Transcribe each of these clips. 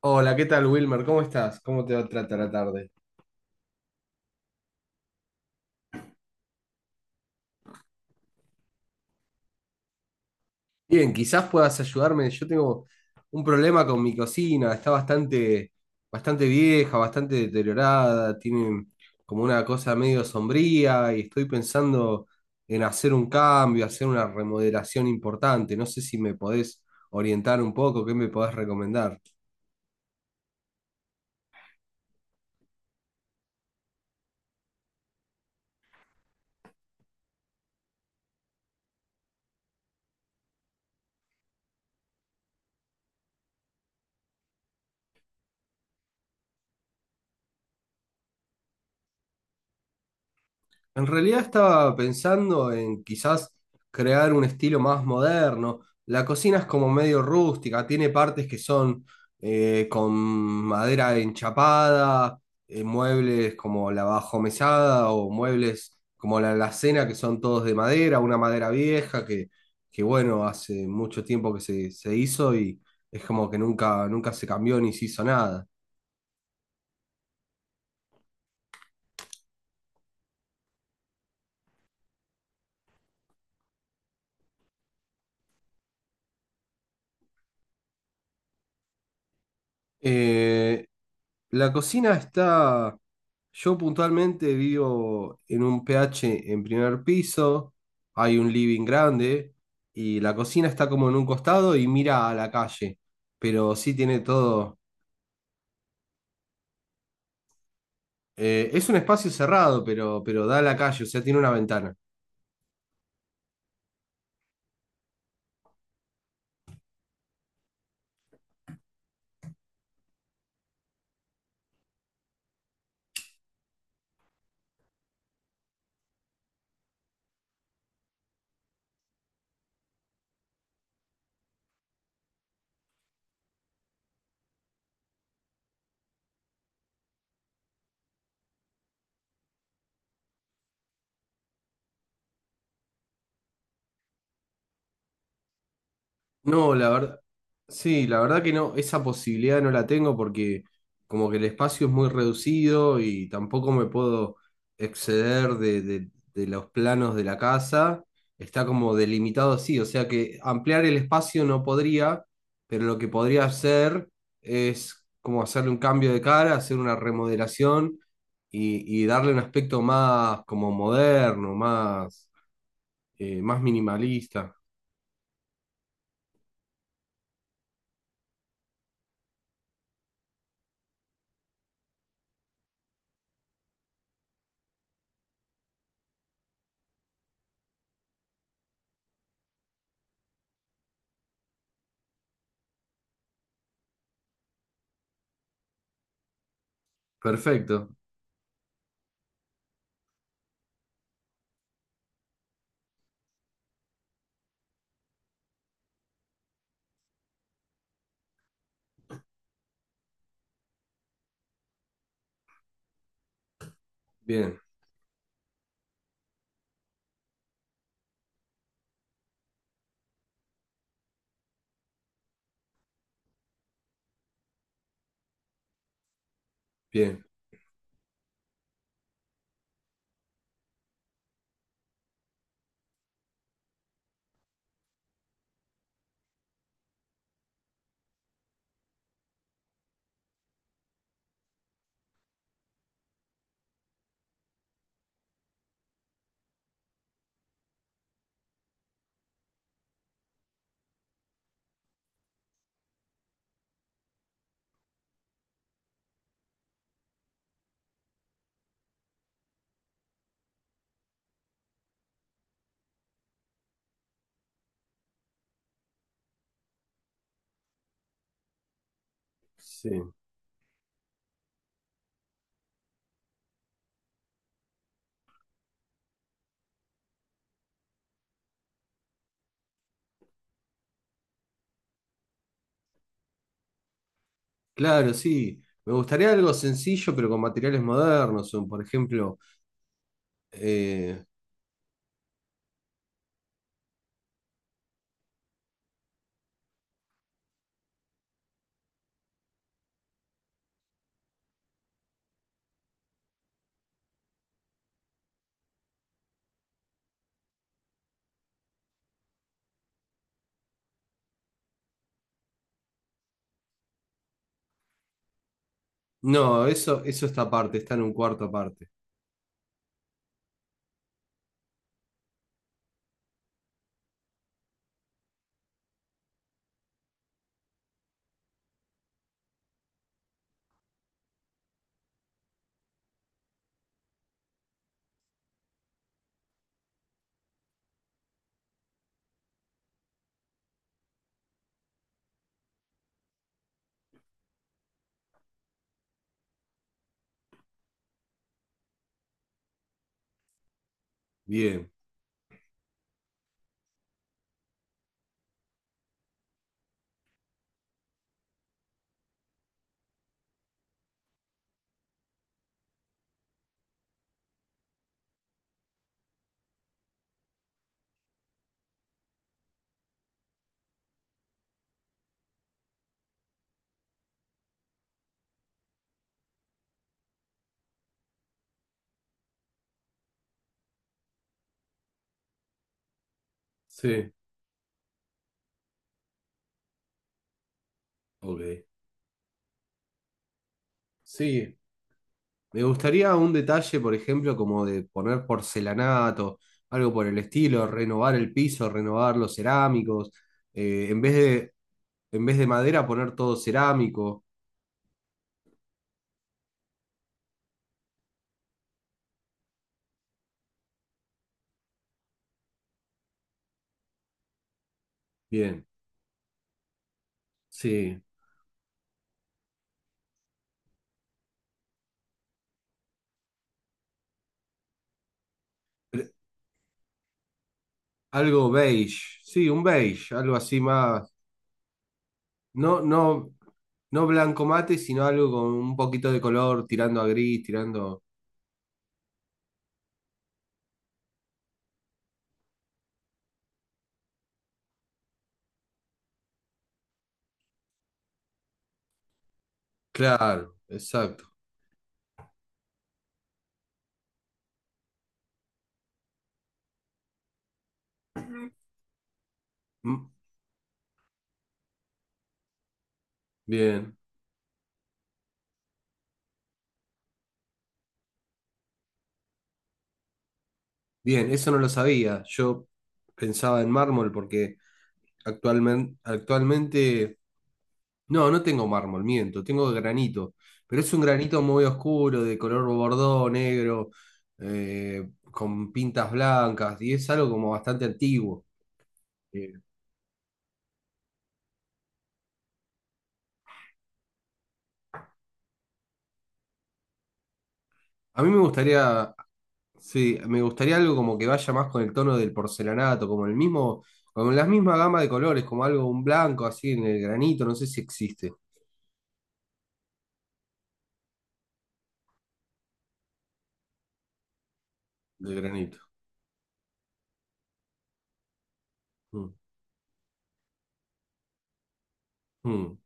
Hola, ¿qué tal, Wilmer? ¿Cómo estás? ¿Cómo te va a tratar la tarde? Bien, quizás puedas ayudarme. Yo tengo un problema con mi cocina. Está bastante vieja, bastante deteriorada. Tiene como una cosa medio sombría y estoy pensando en hacer un cambio, hacer una remodelación importante. No sé si me podés orientar un poco, qué me podés recomendar. En realidad estaba pensando en quizás crear un estilo más moderno. La cocina es como medio rústica, tiene partes que son con madera enchapada, muebles como la bajomesada o muebles como la alacena que son todos de madera, una madera vieja que bueno, hace mucho tiempo que se hizo y es como que nunca se cambió ni se hizo nada. Eh, La cocina está, yo puntualmente vivo en un PH en primer piso, hay un living grande y la cocina está como en un costado y mira a la calle, pero sí tiene todo, es un espacio cerrado, pero da a la calle, o sea, tiene una ventana. No, la verdad, sí, la verdad que no, esa posibilidad no la tengo porque como que el espacio es muy reducido y tampoco me puedo exceder de los planos de la casa, está como delimitado así, o sea que ampliar el espacio no podría, pero lo que podría hacer es como hacerle un cambio de cara, hacer una remodelación y darle un aspecto más como moderno, más, más minimalista. Perfecto, bien, bien. Sí, claro, sí. Me gustaría algo sencillo, pero con materiales modernos, o por ejemplo, eh, no, eso está aparte, está en un cuarto aparte. Bien, sí, ok. Sí, me gustaría un detalle, por ejemplo, como de poner porcelanato, algo por el estilo, renovar el piso, renovar los cerámicos, eh, en vez de, en vez de madera poner todo cerámico. Bien, sí. Pero algo beige, sí, un beige, algo así más. No, no, no blanco mate, sino algo con un poquito de color, tirando a gris, tirando. Claro, exacto. Mm, bien, bien, eso no lo sabía. Yo pensaba en mármol porque actualmente, no, no tengo mármol, miento, tengo granito, pero es un granito muy oscuro, de color bordó, negro, con pintas blancas, y es algo como bastante antiguo. eh, A mí me gustaría, sí, me gustaría algo como que vaya más con el tono del porcelanato, como el mismo, con la misma gama de colores, como algo, un blanco así en el granito, no sé si existe el granito. Mm, mm.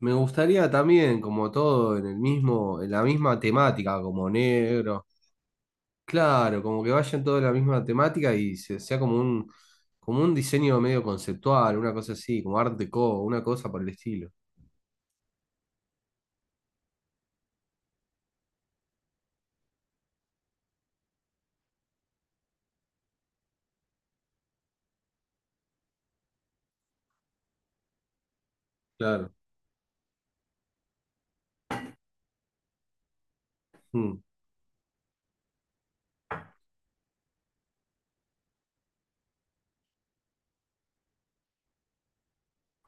Me gustaría también, como todo, en el mismo, en la misma temática, como negro. Claro, como que vayan todos en la misma temática y sea como un diseño medio conceptual, una cosa así, como art déco, una cosa por el estilo. Claro. Mm,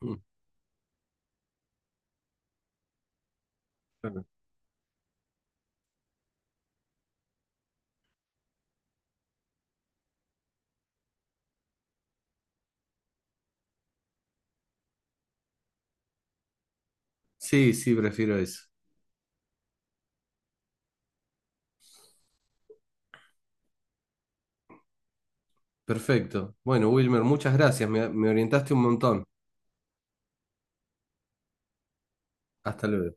mm, claro. Sí, sí, prefiero eso. Perfecto. Bueno, Wilmer, muchas gracias. Me orientaste un montón. Hasta luego.